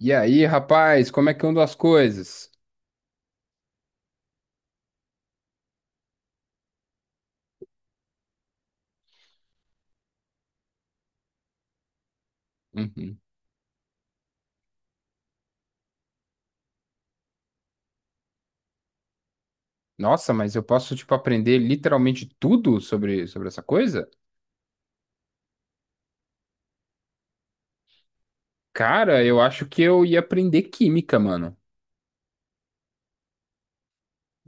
E aí, rapaz, como é que andam as coisas? Uhum. Nossa, mas eu posso, tipo, aprender literalmente tudo sobre essa coisa? Cara, eu acho que eu ia aprender química, mano.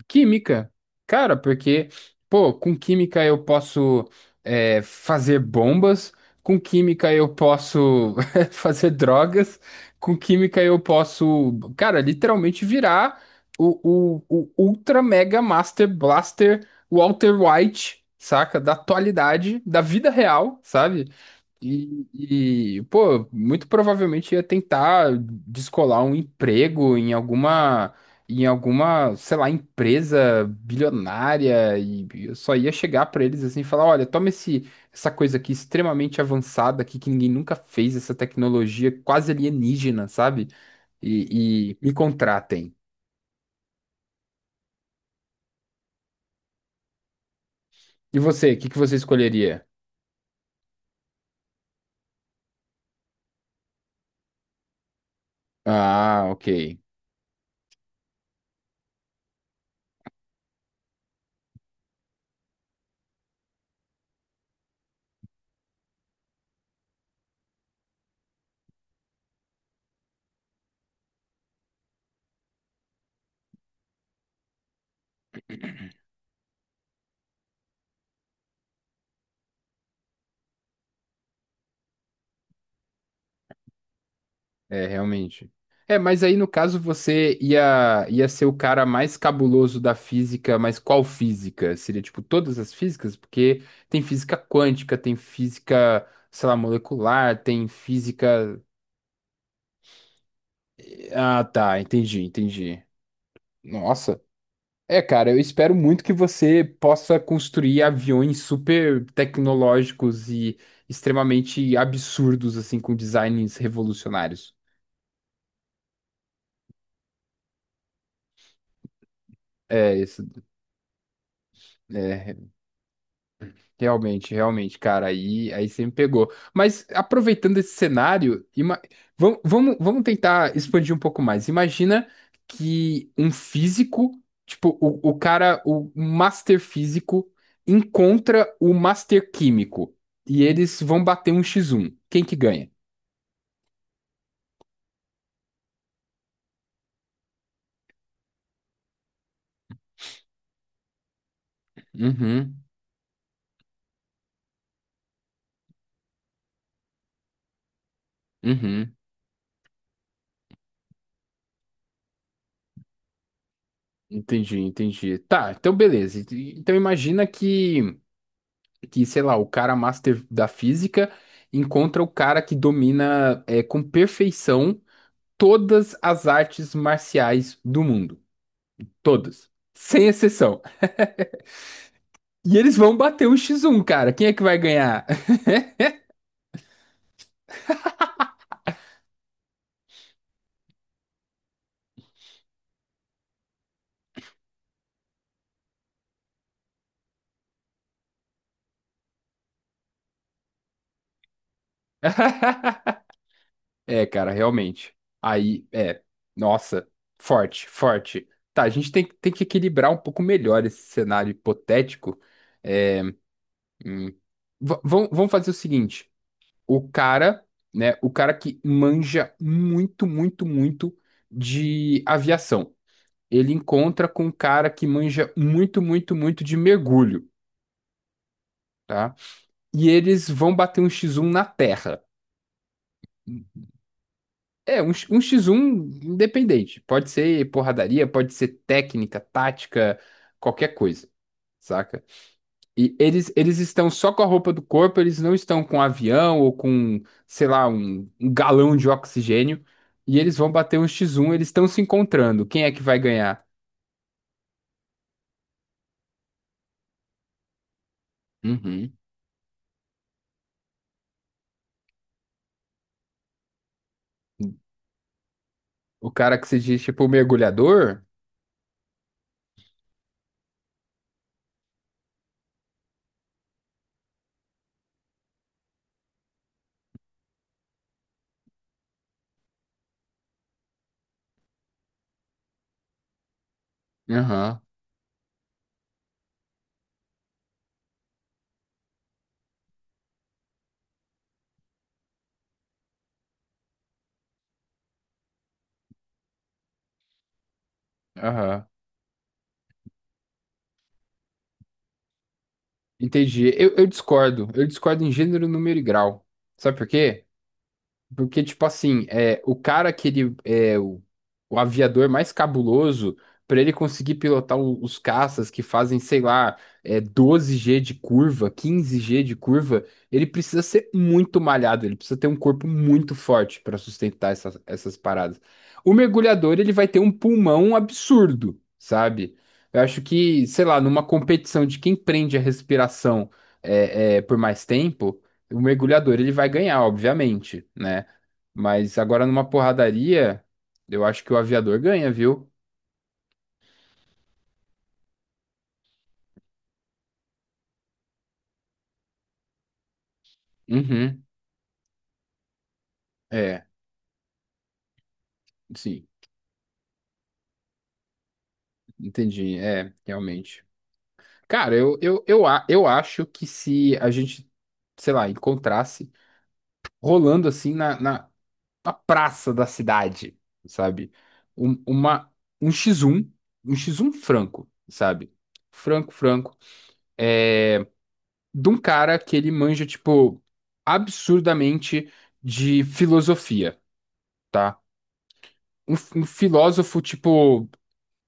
Química, cara, porque, pô, com química eu posso fazer bombas, com química eu posso fazer drogas, com química eu posso, cara, literalmente virar o Ultra Mega Master Blaster Walter White, saca? Da atualidade, da vida real, sabe? E, pô, muito provavelmente ia tentar descolar um emprego em alguma, sei lá, empresa bilionária, e eu só ia chegar pra eles assim e falar, olha, toma essa coisa aqui extremamente avançada aqui que ninguém nunca fez, essa tecnologia quase alienígena, sabe? E me contratem. E você, o que que você escolheria? Ah, ok. É, realmente. É, mas aí no caso você ia ser o cara mais cabuloso da física, mas qual física? Seria tipo todas as físicas? Porque tem física quântica, tem física, sei lá, molecular, tem física. Ah, tá, entendi, entendi. Nossa. É, cara, eu espero muito que você possa construir aviões super tecnológicos e extremamente absurdos, assim, com designs revolucionários. É, isso, é. Realmente, realmente, cara, aí você me pegou. Mas aproveitando esse cenário, vamos tentar expandir um pouco mais. Imagina que um físico, tipo, o cara, o master físico, encontra o master químico, e eles vão bater um x um. Quem que ganha? Uhum, uhum. Entendi, entendi. Tá, então beleza. Então imagina que, sei lá, o cara master da física encontra o cara que domina com perfeição todas as artes marciais do mundo. Todas. Sem exceção. E eles vão bater um X1, cara. Quem é que vai ganhar? É, cara, realmente. Aí, é. Nossa, forte, forte. Tá, a gente tem que equilibrar um pouco melhor esse cenário hipotético. É, hum, vamos fazer o seguinte. O cara, né, o cara que manja muito, muito, muito de aviação. Ele encontra com um cara que manja muito, muito, muito de mergulho, tá? E eles vão bater um X1 na terra. É, um X1 independente. Pode ser porradaria, pode ser técnica, tática, qualquer coisa, saca? E eles estão só com a roupa do corpo, eles não estão com avião ou com, sei lá, um galão de oxigênio. E eles vão bater um X1, eles estão se encontrando. Quem é que vai ganhar? Uhum. O cara que se diz tipo mergulhador? Aham, aham. Entendi. Eu discordo. Eu discordo em gênero, número e grau. Sabe por quê? Porque, tipo assim, o cara que ele é o aviador mais cabuloso, pra ele conseguir pilotar os caças que fazem, sei lá, 12 G de curva, 15 G de curva, ele precisa ser muito malhado, ele precisa ter um corpo muito forte pra sustentar essas paradas. O mergulhador, ele vai ter um pulmão absurdo, sabe? Eu acho que, sei lá, numa competição de quem prende a respiração por mais tempo. O mergulhador ele vai ganhar, obviamente, né? Mas agora numa porradaria, eu acho que o aviador ganha, viu? Uhum. É, sim, entendi. É, realmente. Cara, eu acho que se a gente, sei lá, encontrasse rolando assim na, na praça da cidade, sabe? Um, uma, um x um um x um franco, sabe? Franco, franco. É, de um cara que ele manja, tipo, absurdamente de filosofia, tá? Um filósofo, tipo,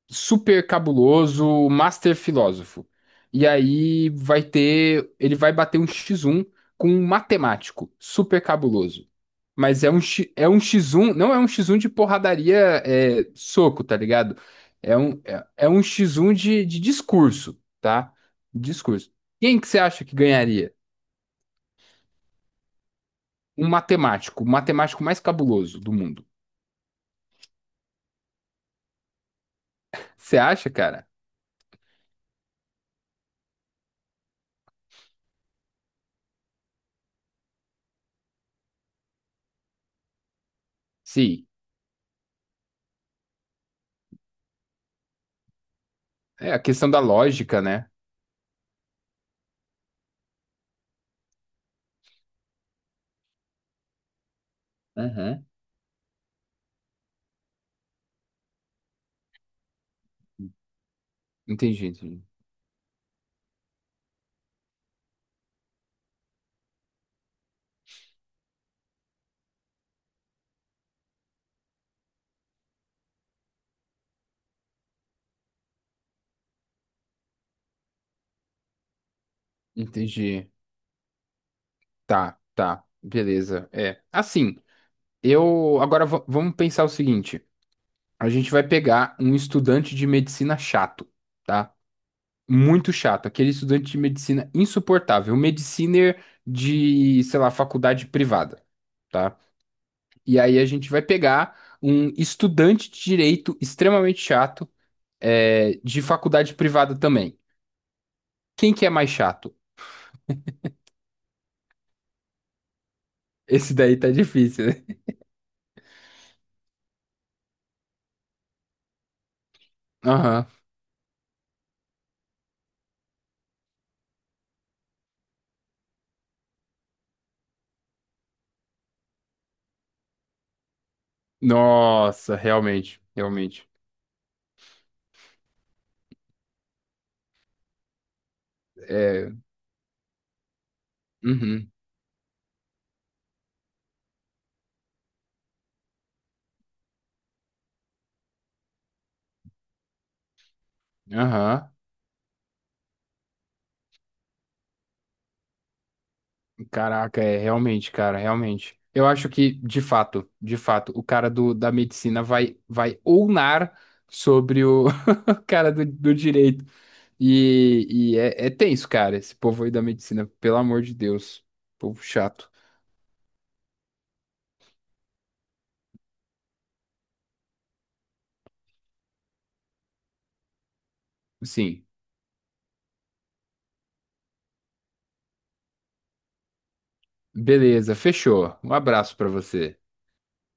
super cabuloso, um master filósofo. E aí ele vai bater um X1 com um matemático, super cabuloso. Mas é é um X1, não é um X1 de porradaria, soco, tá ligado? É um X1 de, discurso, tá? Discurso. Quem que você acha que ganharia? Um matemático, o matemático mais cabuloso do mundo. Você acha, cara? Sim. É a questão da lógica, né? Entendi, entendi. Entendi. Tá, tá. Beleza. É. Assim, eu. Agora vamos pensar o seguinte: a gente vai pegar um estudante de medicina chato, tá? Muito chato. Aquele estudante de medicina insuportável. Mediciner de, sei lá, faculdade privada, tá? E aí a gente vai pegar um estudante de direito extremamente chato, de faculdade privada também. Quem que é mais chato? Esse daí tá difícil, né? Aham. Nossa, realmente, realmente. É, uhum, aham. Caraca, é realmente, cara, realmente. Eu acho que, de fato, o cara da medicina vai ulnar sobre o cara do direito. E é tenso, cara, esse povo aí da medicina, pelo amor de Deus. Povo chato. Sim, beleza, fechou. Um abraço pra você.